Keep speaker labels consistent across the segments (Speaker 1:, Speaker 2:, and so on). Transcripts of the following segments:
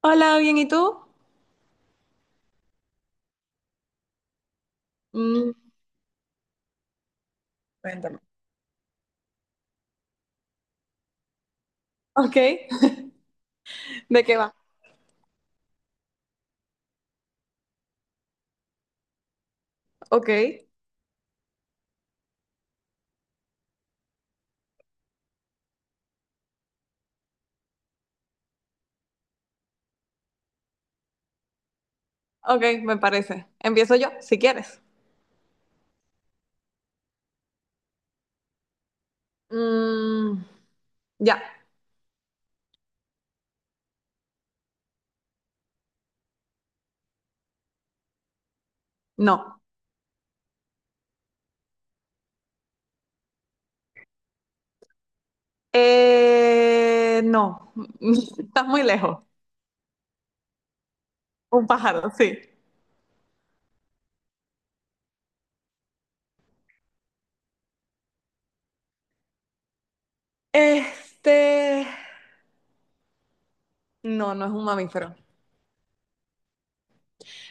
Speaker 1: Hola, bien, ¿y tú? Mm, cuéntame. Ok, ¿de qué va? Ok, ok, me parece. Empiezo yo, si quieres. Mm, ya, no. No, estás muy lejos. Un pájaro, sí. Este, no, no es un mamífero.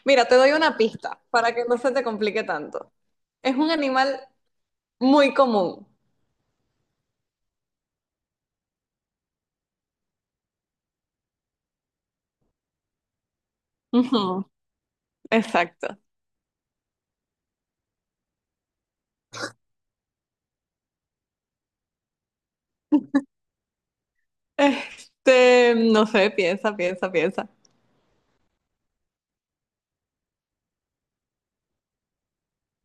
Speaker 1: Mira, te doy una pista para que no se te complique tanto. Es un animal muy común. Ujú, exacto. No sé, piensa, piensa.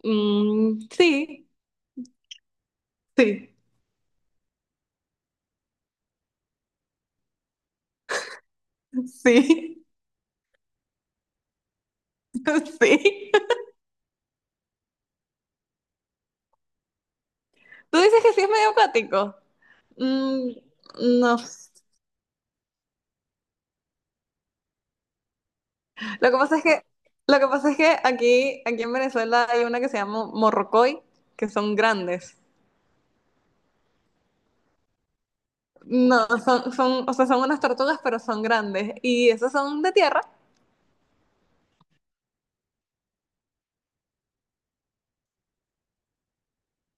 Speaker 1: Mm, sí. Sí, sí, sí. Tú dices que sí es medio acuático. Mm, no sé. Lo que pasa es que, lo que pasa es que aquí en Venezuela hay una que se llama morrocoy, que son grandes. No, son, o sea, son unas tortugas, pero son grandes. Y esas son de tierra.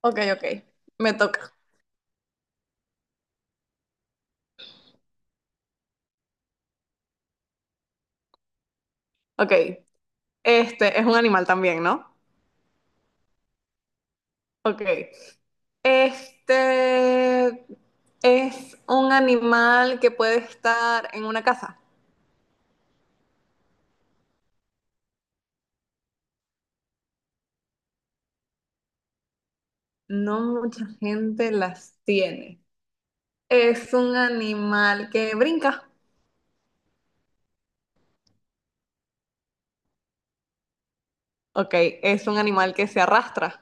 Speaker 1: Ok. Me toca. Ok. Este es un animal también, ¿no? Ok. Este es un animal que puede estar en una casa. No mucha gente las tiene. Es un animal que brinca. Ok, es un animal que se arrastra.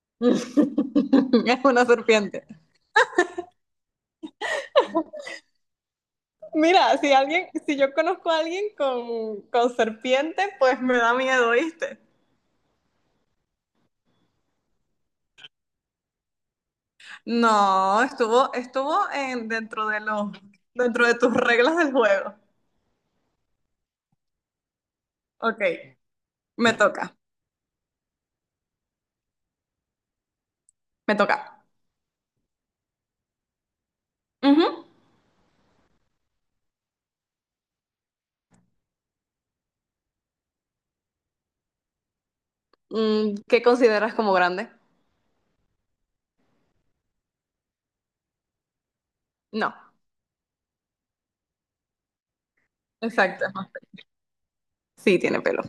Speaker 1: Es una serpiente. Mira, si yo conozco a alguien con serpiente, pues me da miedo, ¿viste? No, estuvo, dentro de los, dentro de tus reglas del juego. Ok, me toca, me toca. Ujú. Mm, ¿qué consideras como grande? No, exacto. Sí, tiene pelo.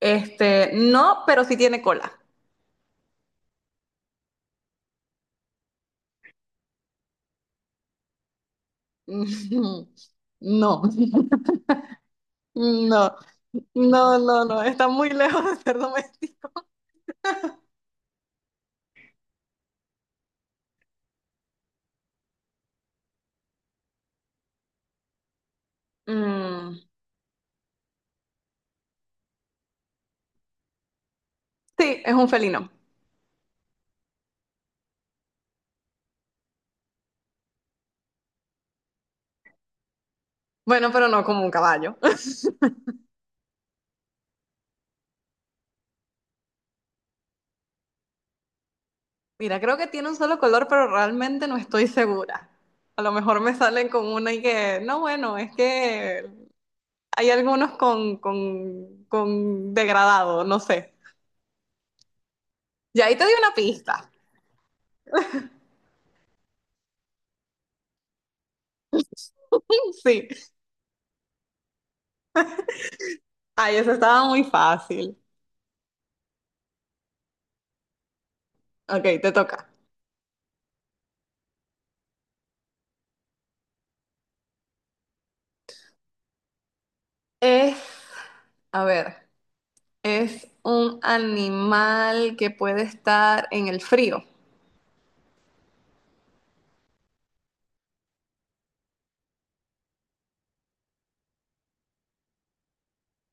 Speaker 1: No, pero sí tiene cola. No, no, no, no, no, está muy lejos de ser doméstico. Mm, sí, es un felino. Bueno, pero no como un caballo. Mira, creo que tiene un solo color, pero realmente no estoy segura. A lo mejor me salen con una y que, no, bueno, es que hay algunos con degradado, no sé. Y ahí te di una pista. Sí. Ay, eso estaba muy fácil. Ok, te toca. Es, a ver, es un animal que puede estar en el frío.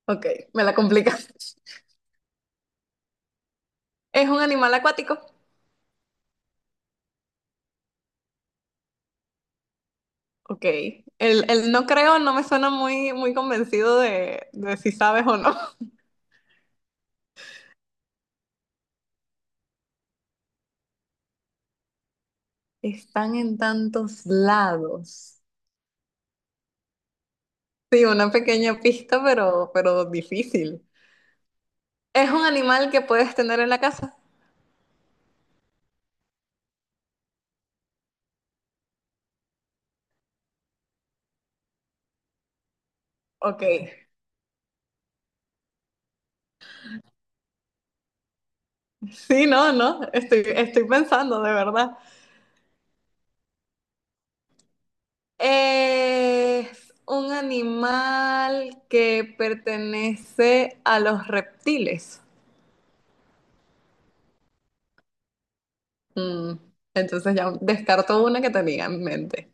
Speaker 1: Ok, me la complicas. Es un animal acuático. Ok, el no creo no me suena muy, muy convencido de si sabes o no. Están en tantos lados. Sí, una pequeña pista, pero difícil. Es un animal que puedes tener en la casa. Ok, sí, no, no, estoy pensando de verdad. Es un animal que pertenece a los reptiles. Mm, entonces ya descarto una que tenía en mente.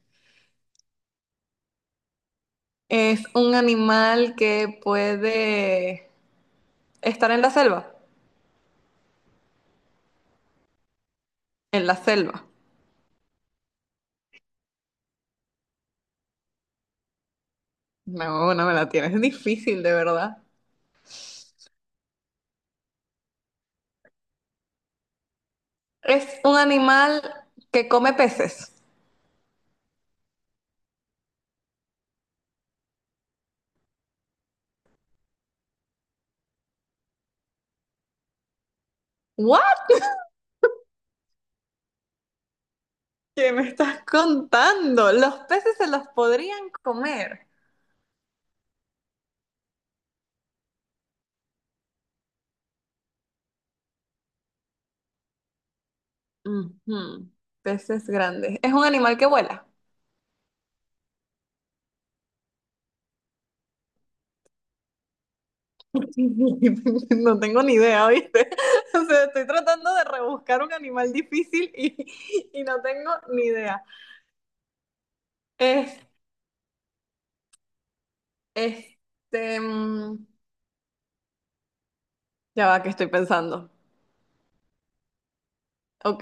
Speaker 1: Es un animal que puede estar en la selva. En la selva. No, no me la tienes. Es difícil, de verdad. Es un animal que come peces. ¿What? ¿Qué me estás contando? Los peces se los podrían comer. Ujú. Peces grandes. ¿Es un animal que vuela? No tengo ni idea, ¿viste? O sea, estoy tratando de rebuscar un animal difícil y no tengo ni idea. Es, este, mm, ya va, que estoy pensando. Ok,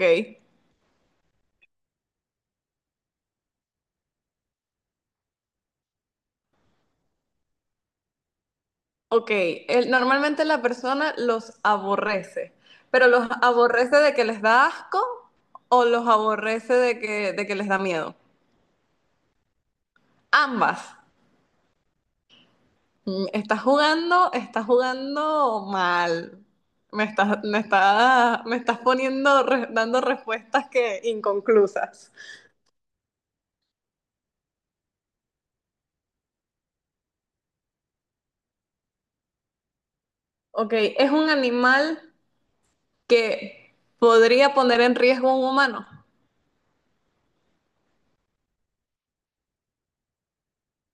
Speaker 1: ok. Normalmente la persona los aborrece, pero los aborrece de que les da asco o los aborrece de que les da miedo. Ambas. Mm, estás jugando, estás jugando mal. Me estás poniendo, dando respuestas que inconclusas. Ok, es un animal que podría poner en riesgo a un humano.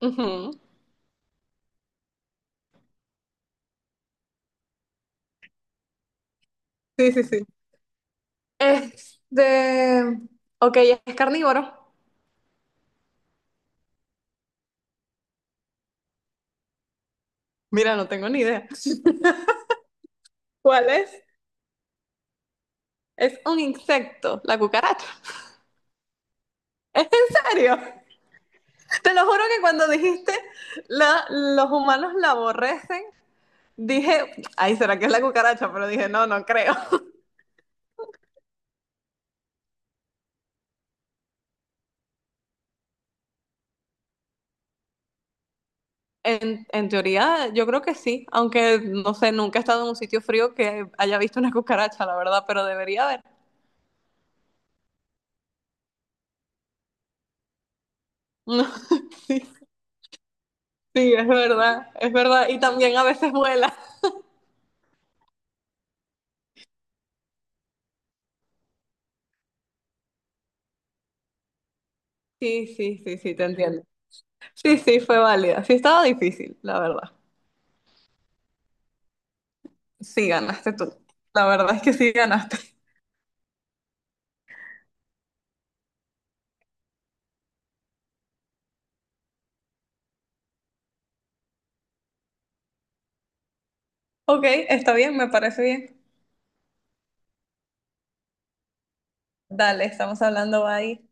Speaker 1: Ujú. Sí, sí, sí. Este, ok, es carnívoro. Mira, no tengo ni idea. ¿Cuál es? Es un insecto, la cucaracha. ¿Es en serio? Te lo juro que cuando dijiste la, los humanos la aborrecen, dije, ay, ¿será que es la cucaracha? Pero dije, no, no creo. En teoría, yo creo que sí, aunque no sé, nunca he estado en un sitio frío que haya visto una cucaracha, la verdad, pero debería haber. Sí, sí, es verdad, es verdad. Y también a veces vuela. Sí, sí, sí, sí, te entiendo. Sí, sí, fue válida. Sí, estaba difícil, la verdad. Sí, ganaste tú. La verdad es que sí ganaste. Ok, está bien, me parece bien. Dale, estamos hablando ahí.